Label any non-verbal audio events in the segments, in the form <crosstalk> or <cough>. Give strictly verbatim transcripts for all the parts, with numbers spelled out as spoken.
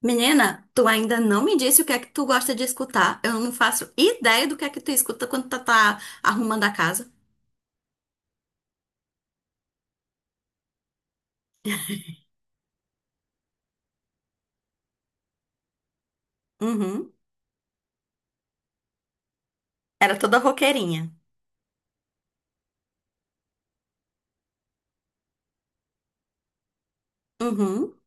Menina, tu ainda não me disse o que é que tu gosta de escutar. Eu não faço ideia do que é que tu escuta quando tu tá arrumando a casa. Uhum. Era toda roqueirinha. Uhum.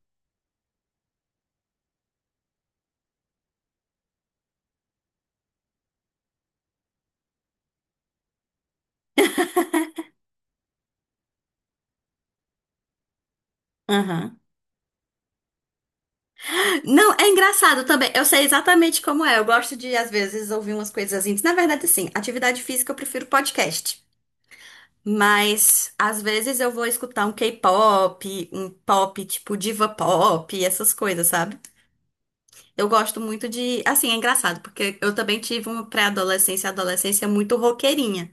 Uhum. Não, é engraçado também. Eu sei exatamente como é. Eu gosto de, às vezes, ouvir umas coisas íntimas. Na verdade, sim, atividade física eu prefiro podcast. Mas, às vezes, eu vou escutar um K-pop, um pop tipo diva pop, essas coisas, sabe? Eu gosto muito de. Assim, é engraçado, porque eu também tive uma pré-adolescência, adolescência muito roqueirinha.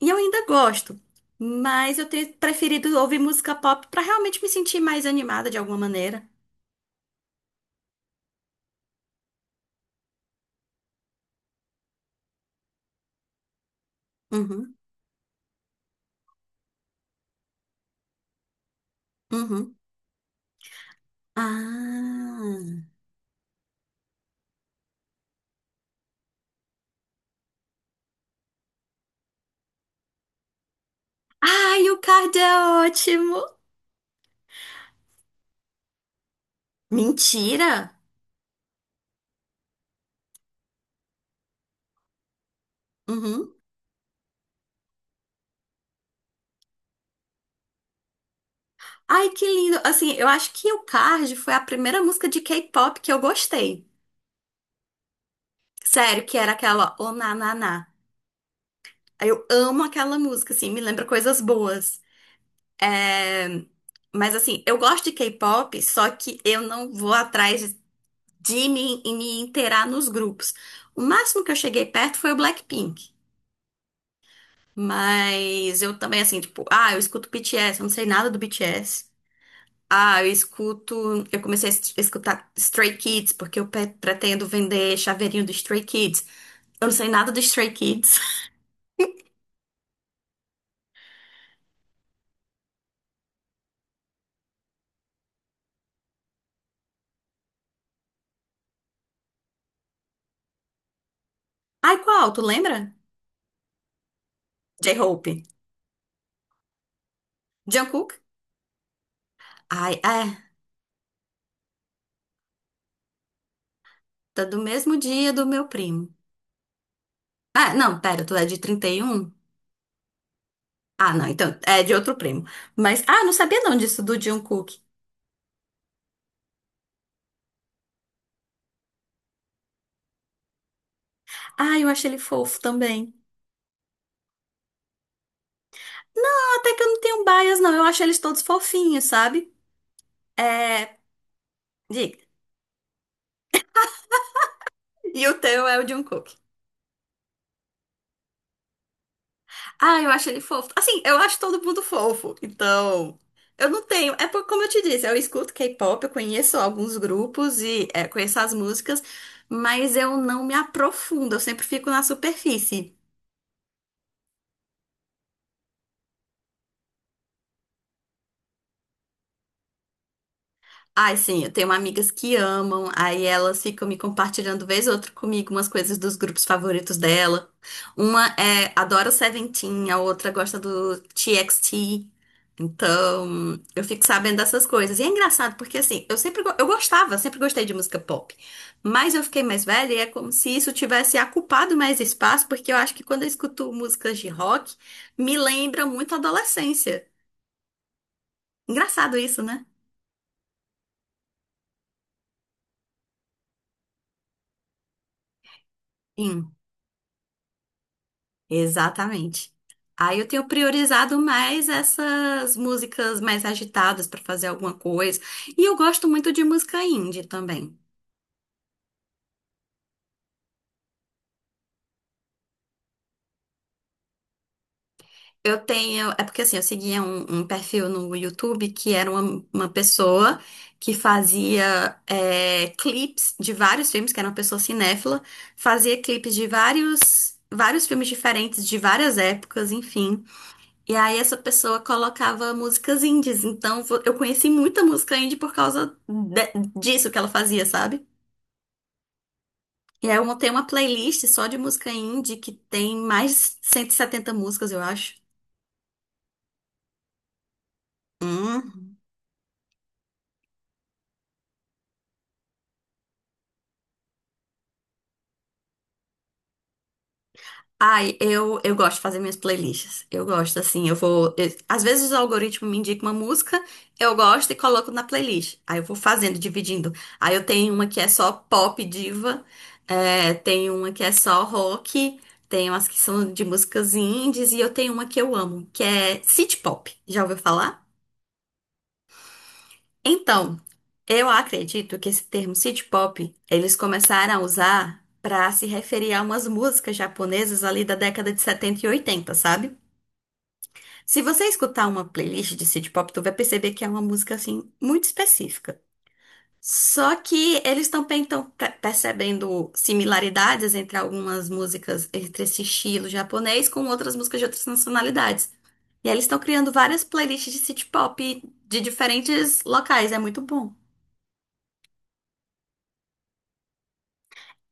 E eu ainda gosto. Mas eu tenho preferido ouvir música pop pra realmente me sentir mais animada de alguma maneira. Uhum, uhum. Ah. Ai, o card é ótimo! Mentira! Uhum. Ai, que lindo! Assim, eu acho que o card foi a primeira música de K-pop que eu gostei. Sério, que era aquela O Na Na Na. Eu amo aquela música, assim, me lembra coisas boas. É. Mas assim, eu gosto de K-pop, só que eu não vou atrás de me, e me inteirar nos grupos. O máximo que eu cheguei perto foi o Blackpink. Mas eu também, assim, tipo, ah, eu escuto B T S, eu não sei nada do B T S. Ah, eu escuto. Eu comecei a es- escutar Stray Kids, porque eu pe- pretendo vender chaveirinho do Stray Kids. Eu não sei nada do Stray Kids. <laughs> Ai, qual? Tu lembra? J-Hope. Jungkook? Ai, é. Tá do mesmo dia do meu primo. Ah, não, pera, tu é de trinta e um. Ah, não, então é de outro primo. Mas, ah, não sabia não disso do Jungkook. Ah, eu acho ele fofo também. Não, até que eu não tenho bias, não. Eu acho eles todos fofinhos, sabe? É, diga. E o teu é o Jungkook. Ah, eu acho ele fofo. Assim, eu acho todo mundo fofo. Então, eu não tenho. É porque, como eu te disse, eu escuto K-pop, eu conheço alguns grupos e é, conheço as músicas, mas eu não me aprofundo, eu sempre fico na superfície. Ai, sim, eu tenho amigas que amam, aí elas ficam me compartilhando vez ou outra comigo umas coisas dos grupos favoritos dela. Uma é adora o Seventeen, a outra gosta do T X T. Então, eu fico sabendo dessas coisas. E é engraçado porque assim, eu sempre go- eu gostava, sempre gostei de música pop. Mas eu fiquei mais velha e é como se isso tivesse ocupado mais espaço, porque eu acho que quando eu escuto músicas de rock, me lembra muito a adolescência. Engraçado isso, né? Exatamente. Aí eu tenho priorizado mais essas músicas mais agitadas para fazer alguma coisa. E eu gosto muito de música indie também. Eu tenho. É porque assim, eu seguia um, um perfil no YouTube que era uma, uma pessoa que fazia é, clipes de vários filmes, que era uma pessoa cinéfila, fazia clipes de vários, vários filmes diferentes, de várias épocas, enfim. E aí essa pessoa colocava músicas indies. Então vo- eu conheci muita música indie por causa de- disso que ela fazia, sabe? E aí eu montei uma playlist só de música indie que tem mais de cento e setenta músicas, eu acho. Hum. Ai, eu, eu gosto de fazer minhas playlists. Eu gosto, assim, eu vou. Eu- às vezes o algoritmo me indica uma música, eu gosto e coloco na playlist. Aí eu vou fazendo, dividindo. Aí eu tenho uma que é só pop diva, é, tem uma que é só rock, tem umas que são de músicas indies e eu tenho uma que eu amo, que é city pop. Já ouviu falar? Então, eu acredito que esse termo city pop eles começaram a usar para se referir a umas músicas japonesas ali da década de setenta e oitenta, sabe? Se você escutar uma playlist de City Pop, tu vai perceber que é uma música assim muito específica. Só que eles também estão percebendo similaridades entre algumas músicas, entre esse estilo japonês com outras músicas de outras nacionalidades. E aí eles estão criando várias playlists de City Pop de diferentes locais, é muito bom.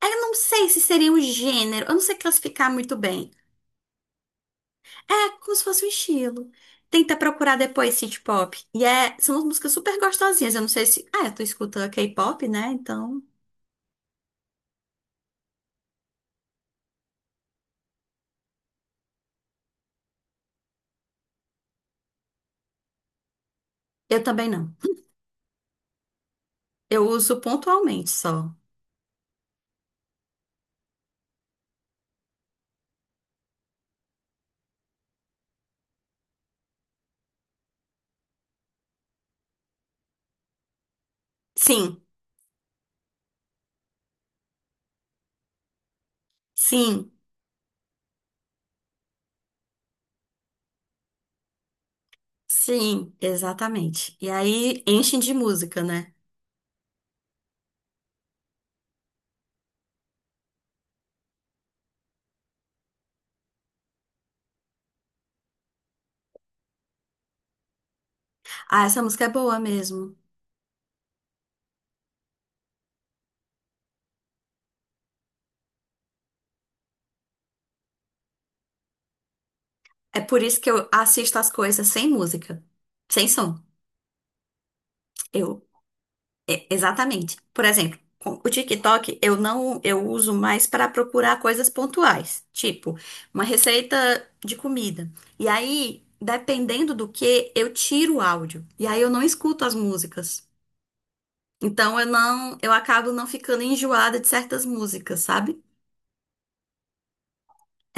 Eu não sei se seria um gênero, eu não sei classificar muito bem. É como se fosse um estilo. Tenta procurar depois synth pop. E é, são músicas super gostosinhas. Eu não sei se. Ah, tu escuta K-pop, né? Então. Eu também não. Eu uso pontualmente só. Sim, sim, sim, exatamente. E aí enchem de música, né? Ah, essa música é boa mesmo. É por isso que eu assisto as coisas sem música, sem som. Eu É, exatamente. Por exemplo, com o TikTok eu não, eu uso mais para procurar coisas pontuais, tipo uma receita de comida. E aí, dependendo do que, eu tiro o áudio. E aí eu não escuto as músicas. Então eu não, eu acabo não ficando enjoada de certas músicas, sabe?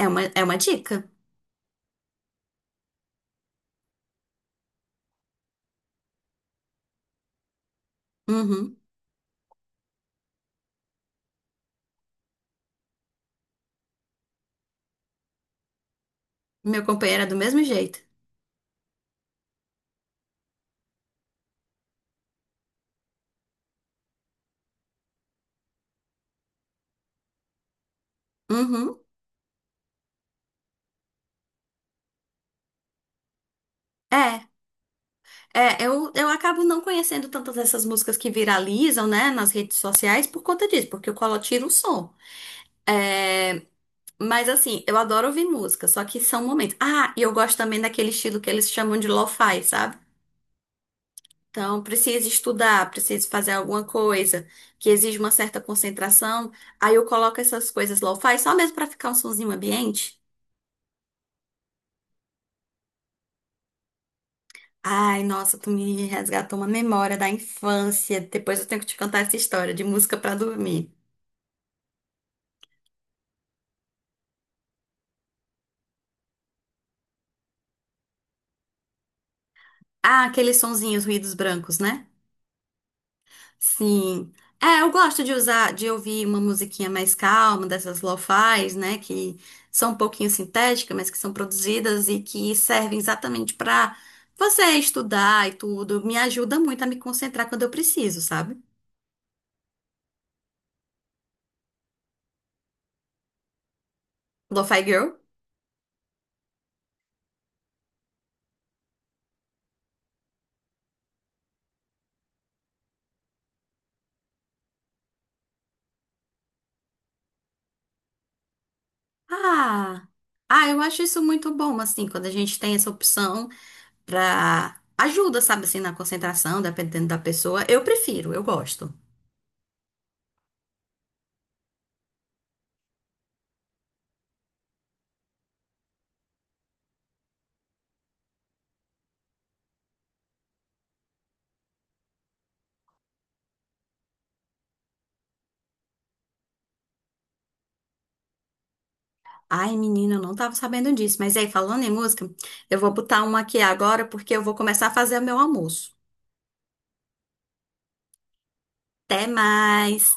É uma é uma dica. Uhum. Meu companheiro é do mesmo jeito. Uhum. É. É, eu, eu acabo não conhecendo tantas dessas músicas que viralizam, né, nas redes sociais por conta disso, porque eu colo tiro o som. Mas assim, eu adoro ouvir música, só que são momentos. Ah, e eu gosto também daquele estilo que eles chamam de lo-fi, sabe? Então, preciso estudar, preciso fazer alguma coisa que exige uma certa concentração. Aí eu coloco essas coisas lo-fi só mesmo pra ficar um sonzinho ambiente. Ai, nossa, tu me resgatou uma memória da infância. Depois eu tenho que te contar essa história de música pra dormir. Ah, aqueles sonzinhos, ruídos brancos, né? Sim. É, eu gosto de usar, de ouvir uma musiquinha mais calma, dessas lo-fis, né? Que são um pouquinho sintéticas, mas que são produzidas e que servem exatamente pra você estudar e tudo. Me ajuda muito a me concentrar quando eu preciso, sabe? Lo-fi girl. Ah, ah, eu acho isso muito bom, assim, quando a gente tem essa opção pra ajuda, sabe, assim, na concentração, dependendo da pessoa. Eu prefiro, eu gosto. Ai, menina, eu não tava sabendo disso. Mas aí, falando em música, eu vou botar uma aqui agora porque eu vou começar a fazer o meu almoço. Até mais!